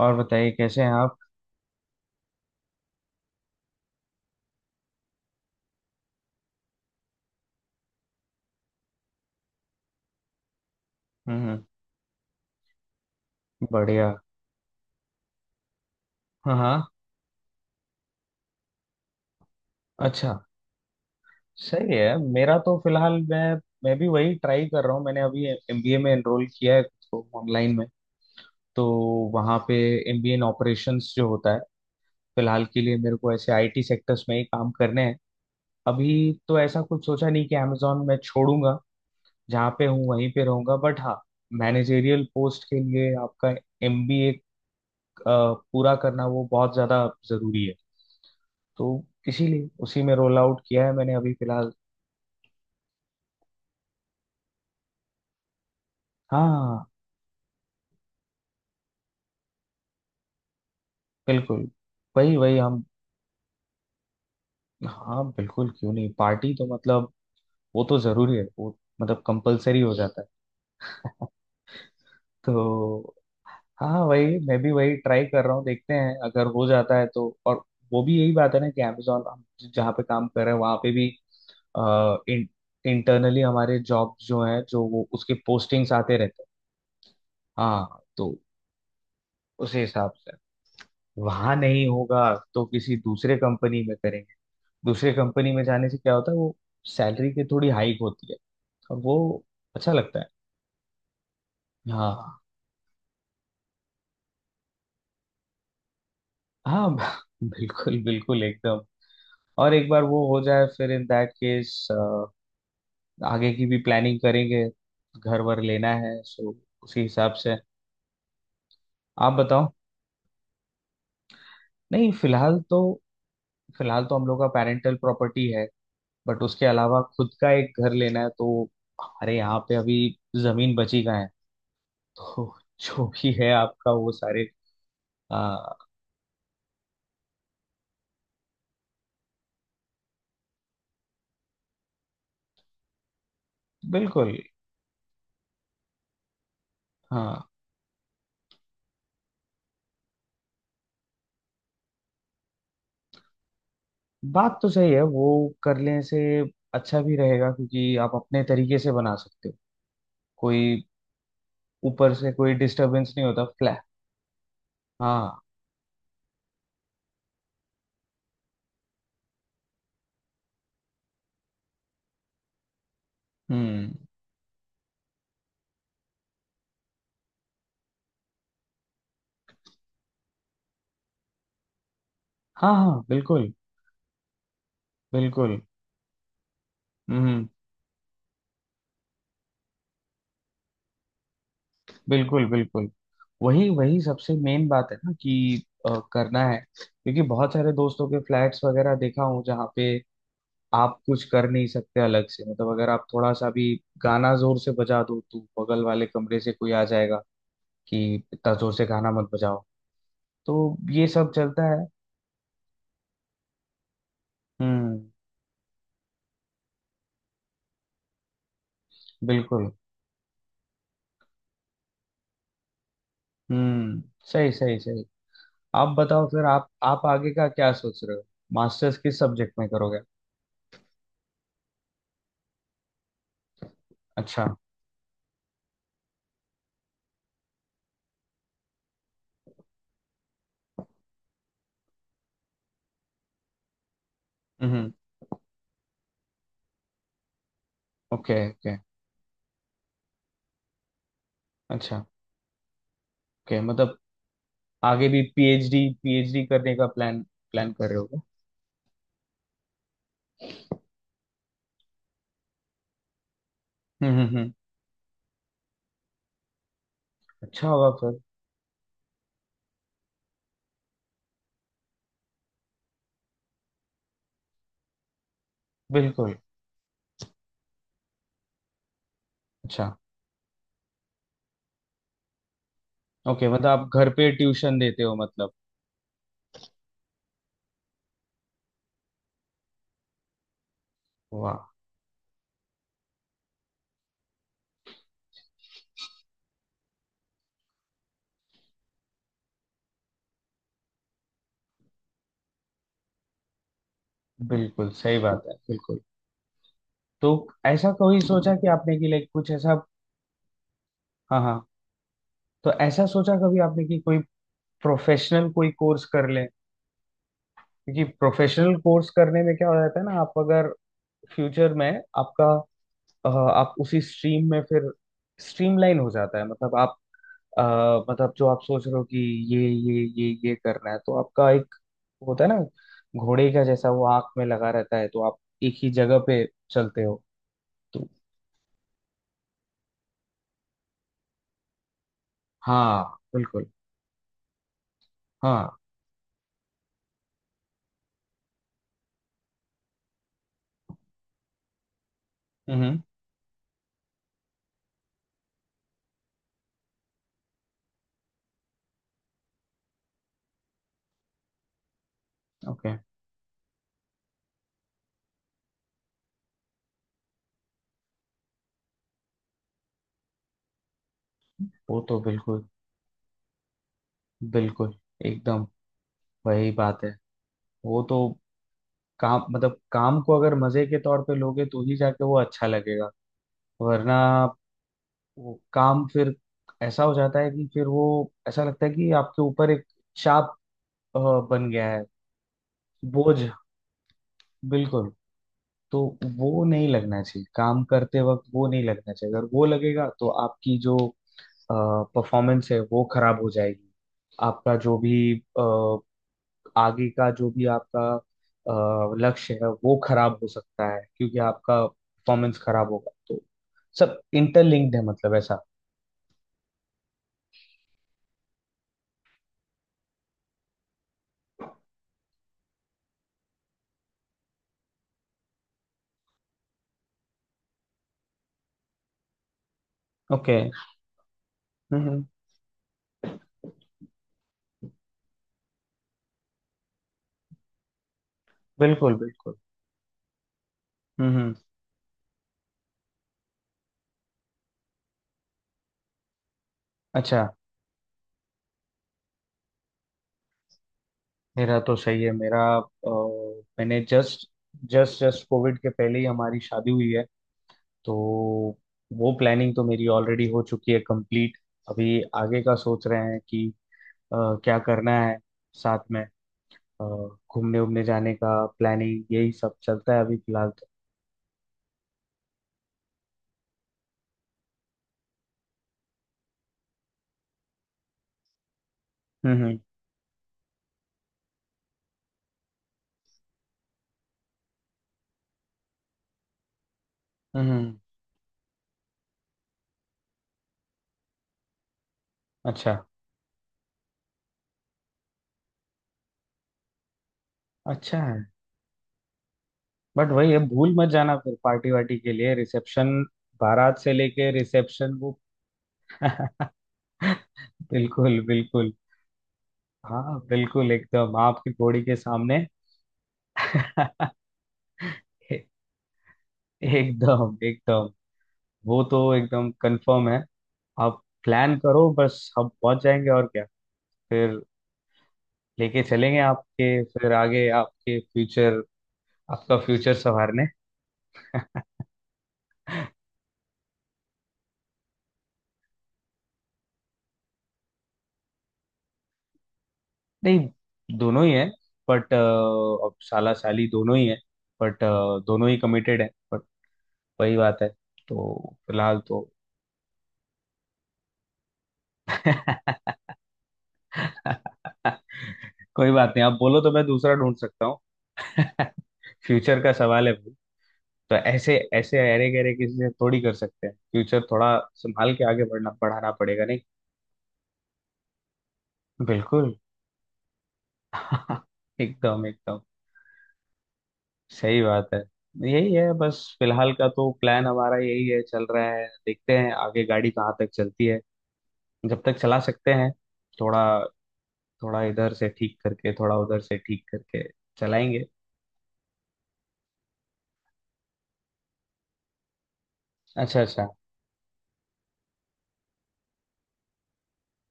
और बताइए कैसे हैं आप। हम्म। बढ़िया। हाँ हाँ। अच्छा। सही है। मेरा तो फिलहाल मैं भी वही ट्राई कर रहा हूँ। मैंने अभी एमबीए में एनरोल किया है तो ऑनलाइन में। तो वहाँ पे एमबीए इन ऑपरेशंस जो होता है। फिलहाल के लिए मेरे को ऐसे आईटी सेक्टर्स में ही काम करने हैं अभी। तो ऐसा कुछ सोचा नहीं कि अमेजोन मैं छोड़ूंगा। जहाँ पे हूँ वहीं पे रहूंगा बट हाँ, मैनेजेरियल पोस्ट के लिए आपका एमबीए पूरा करना वो बहुत ज़्यादा जरूरी है। तो इसीलिए उसी में रोल आउट किया है मैंने अभी फिलहाल। हाँ बिल्कुल। वही वही हम। हाँ बिल्कुल क्यों नहीं, पार्टी तो मतलब वो तो जरूरी है वो, मतलब कंपलसरी हो जाता है। तो हाँ, वही, मैं भी वही ट्राई कर रहा हूँ, देखते हैं अगर हो जाता है तो। और वो भी यही बात है ना कि अमेजोन हम जहाँ पे काम कर रहे हैं वहाँ पे भी आ, इन, इंटरनली हमारे जॉब जो है जो वो उसके पोस्टिंग्स आते रहते हैं। हाँ। तो उसी हिसाब से। वहां नहीं होगा तो किसी दूसरे कंपनी में करेंगे। दूसरे कंपनी में जाने से क्या होता है वो सैलरी की थोड़ी हाइक होती है और वो अच्छा लगता है। हाँ हाँ। बिल्कुल बिल्कुल एकदम। और एक बार वो हो जाए फिर इन दैट केस आगे की भी प्लानिंग करेंगे। घर वर लेना है सो उसी हिसाब से। आप बताओ। नहीं, फिलहाल तो। हम लोग का पेरेंटल प्रॉपर्टी है बट उसके अलावा खुद का एक घर लेना है तो हमारे यहाँ पे अभी जमीन बची कहाँ है। तो जो भी है आपका वो सारे आ, बिल्कुल। हाँ बात तो सही है, वो करने से अच्छा भी रहेगा क्योंकि आप अपने तरीके से बना सकते हो। कोई ऊपर से कोई डिस्टरबेंस नहीं होता फ्लैट। हाँ। हम्म। हाँ हाँ बिल्कुल बिल्कुल। हम्म। बिल्कुल बिल्कुल। वही वही सबसे मेन बात है ना कि करना है, क्योंकि बहुत सारे दोस्तों के फ्लैट्स वगैरह देखा हूँ जहाँ पे आप कुछ कर नहीं सकते अलग से। मतलब अगर आप थोड़ा सा भी गाना जोर से बजा दो तो बगल वाले कमरे से कोई आ जाएगा कि इतना जोर से गाना मत बजाओ। तो ये सब चलता है। हम्म। बिल्कुल। हम्म। सही सही सही। आप बताओ फिर, आप आगे का क्या सोच रहे हो? मास्टर्स किस सब्जेक्ट में करोगे? अच्छा। हम्म। Okay okay. अच्छा। ओके मतलब आगे भी पीएचडी पीएचडी करने का प्लान प्लान कर रहे हो क्या? हम्म हम्म हम्म। अच्छा होगा फिर। बिल्कुल। अच्छा। ओके मतलब आप घर पे ट्यूशन देते हो मतलब। वाह। बिल्कुल सही बात है बिल्कुल। तो ऐसा कभी सोचा कि आपने कि लाइक कुछ ऐसा। हाँ हाँ। तो ऐसा सोचा कभी आपने कि कोई प्रोफेशनल कोई कोर्स कर लें? क्योंकि प्रोफेशनल कोर्स करने में क्या हो जाता है ना, आप अगर फ्यूचर में आपका आप उसी स्ट्रीम में फिर स्ट्रीमलाइन हो जाता है, मतलब आप अ, मतलब जो आप सोच रहे हो कि ये करना है, तो आपका एक वो होता है ना घोड़े का जैसा वो आंख में लगा रहता है, तो आप एक ही जगह पे चलते हो। हाँ बिल्कुल। हाँ। हम्म। ओके। वो तो बिल्कुल। बिल्कुल एकदम। वही बात है। वो तो काम, मतलब काम को अगर मजे के तौर पे लोगे तो ही जाके वो अच्छा लगेगा। वरना वो काम फिर ऐसा हो जाता है कि फिर वो, ऐसा लगता है कि आपके ऊपर एक चाप अ, बन गया है। बोझ। बिल्कुल। तो वो नहीं लगना चाहिए काम करते वक्त। वो नहीं लगना चाहिए, अगर वो लगेगा तो आपकी जो परफॉर्मेंस है वो खराब हो जाएगी। आपका जो भी अ, आगे का जो भी आपका लक्ष्य है वो खराब हो सकता है, क्योंकि आपका परफॉर्मेंस खराब होगा तो सब इंटरलिंक्ड है, मतलब ऐसा। ओके। हम्म। बिल्कुल बिल्कुल। हम्म। अच्छा। मेरा तो सही है। मेरा मैंने जस्ट जस्ट जस्ट कोविड के पहले ही हमारी शादी हुई है, तो वो प्लानिंग तो मेरी ऑलरेडी हो चुकी है कंप्लीट। अभी आगे का सोच रहे हैं कि अ, क्या करना है साथ में, अ, घूमने उमने जाने का प्लानिंग, यही सब चलता है अभी फिलहाल तो। हम्म हम्म। अच्छा। अच्छा है बट वही है, भूल मत जाना फिर पार्टी वार्टी के लिए, रिसेप्शन, बारात से लेके रिसेप्शन वो। बिल्कुल बिल्कुल। हाँ बिल्कुल एकदम आपकी घोड़ी के सामने। एकदम एकदम। वो तो एकदम कंफर्म है। आप प्लान करो बस, हम पहुंच जाएंगे और क्या। फिर लेके चलेंगे आपके, फिर आगे आपके फ्यूचर, आपका फ्यूचर संवारने। नहीं, दोनों ही है। बट अब साला साली दोनों ही है, बट दोनों ही कमिटेड है, बट वही बात है। तो फिलहाल तो। कोई बात नहीं, आप बोलो तो मैं दूसरा ढूंढ सकता हूँ। फ्यूचर का सवाल है। तो ऐसे ऐसे अरे गहरे किसी से थोड़ी कर सकते हैं, फ्यूचर थोड़ा संभाल के आगे बढ़ना बढ़ाना पड़ेगा, नहीं। बिल्कुल। एकदम एकदम सही बात है। यही है बस, फिलहाल का तो प्लान हमारा यही है चल रहा है, देखते हैं आगे गाड़ी कहाँ तक चलती है। जब तक चला सकते हैं, थोड़ा थोड़ा इधर से ठीक करके, थोड़ा उधर से ठीक करके चलाएंगे। अच्छा अच्छा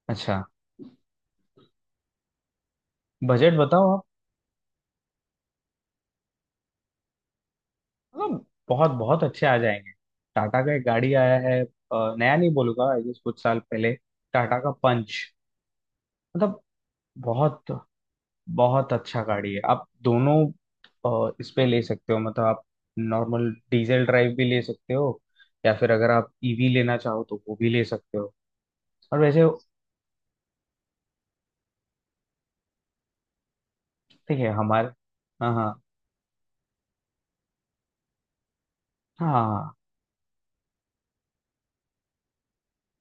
अच्छा। बजट बताओ। हाँ बहुत बहुत अच्छे आ जाएंगे। टाटा का एक गाड़ी आया है नया नहीं बोलूंगा, आई गेस कुछ साल पहले। टाटा का पंच। मतलब बहुत बहुत अच्छा गाड़ी है, आप दोनों इस पे ले सकते हो, मतलब आप नॉर्मल डीजल ड्राइव भी ले सकते हो, या फिर अगर आप ईवी लेना चाहो तो वो भी ले सकते हो। और वैसे। ठीक है हमारे। हाँ हाँ। हाँ हाँ।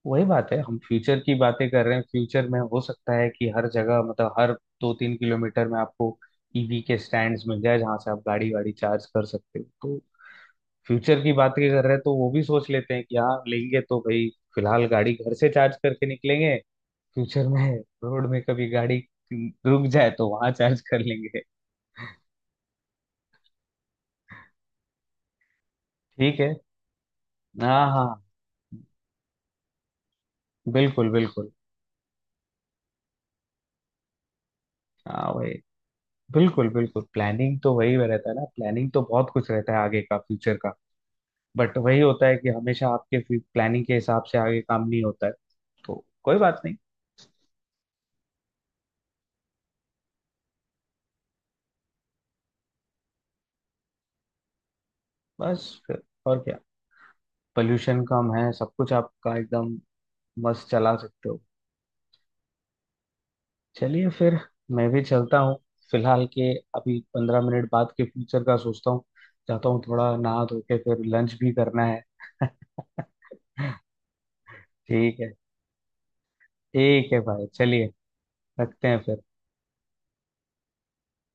वही बात है, हम फ्यूचर की बातें कर रहे हैं। फ्यूचर में हो सकता है कि हर जगह, मतलब हर 2-3 किलोमीटर में आपको ईवी के स्टैंड्स मिल जाए जहां से आप गाड़ी वाड़ी चार्ज कर सकते हो, तो फ्यूचर की बातें कर रहे हैं तो वो भी सोच लेते हैं कि हाँ लेंगे तो भाई फिलहाल गाड़ी घर से चार्ज करके निकलेंगे। फ्यूचर में रोड में कभी गाड़ी रुक जाए तो वहां चार्ज कर लेंगे। ठीक है। हाँ हाँ बिल्कुल बिल्कुल। हाँ वही। बिल्कुल बिल्कुल, प्लानिंग तो वही रहता है ना, प्लानिंग तो बहुत कुछ रहता है आगे का, फ्यूचर का, बट वही होता है कि हमेशा आपके प्लानिंग के हिसाब से आगे काम नहीं होता है, तो कोई बात नहीं। बस फिर और क्या, पोल्यूशन कम है, सब कुछ आपका एकदम मस्त चला सकते हो। चलिए फिर। मैं भी चलता हूँ, फिलहाल के अभी 15 मिनट बाद के फ्यूचर का सोचता हूँ, जाता हूँ थोड़ा नहा धो के, फिर लंच भी करना है। ठीक है। ठीक है भाई चलिए। रखते हैं फिर।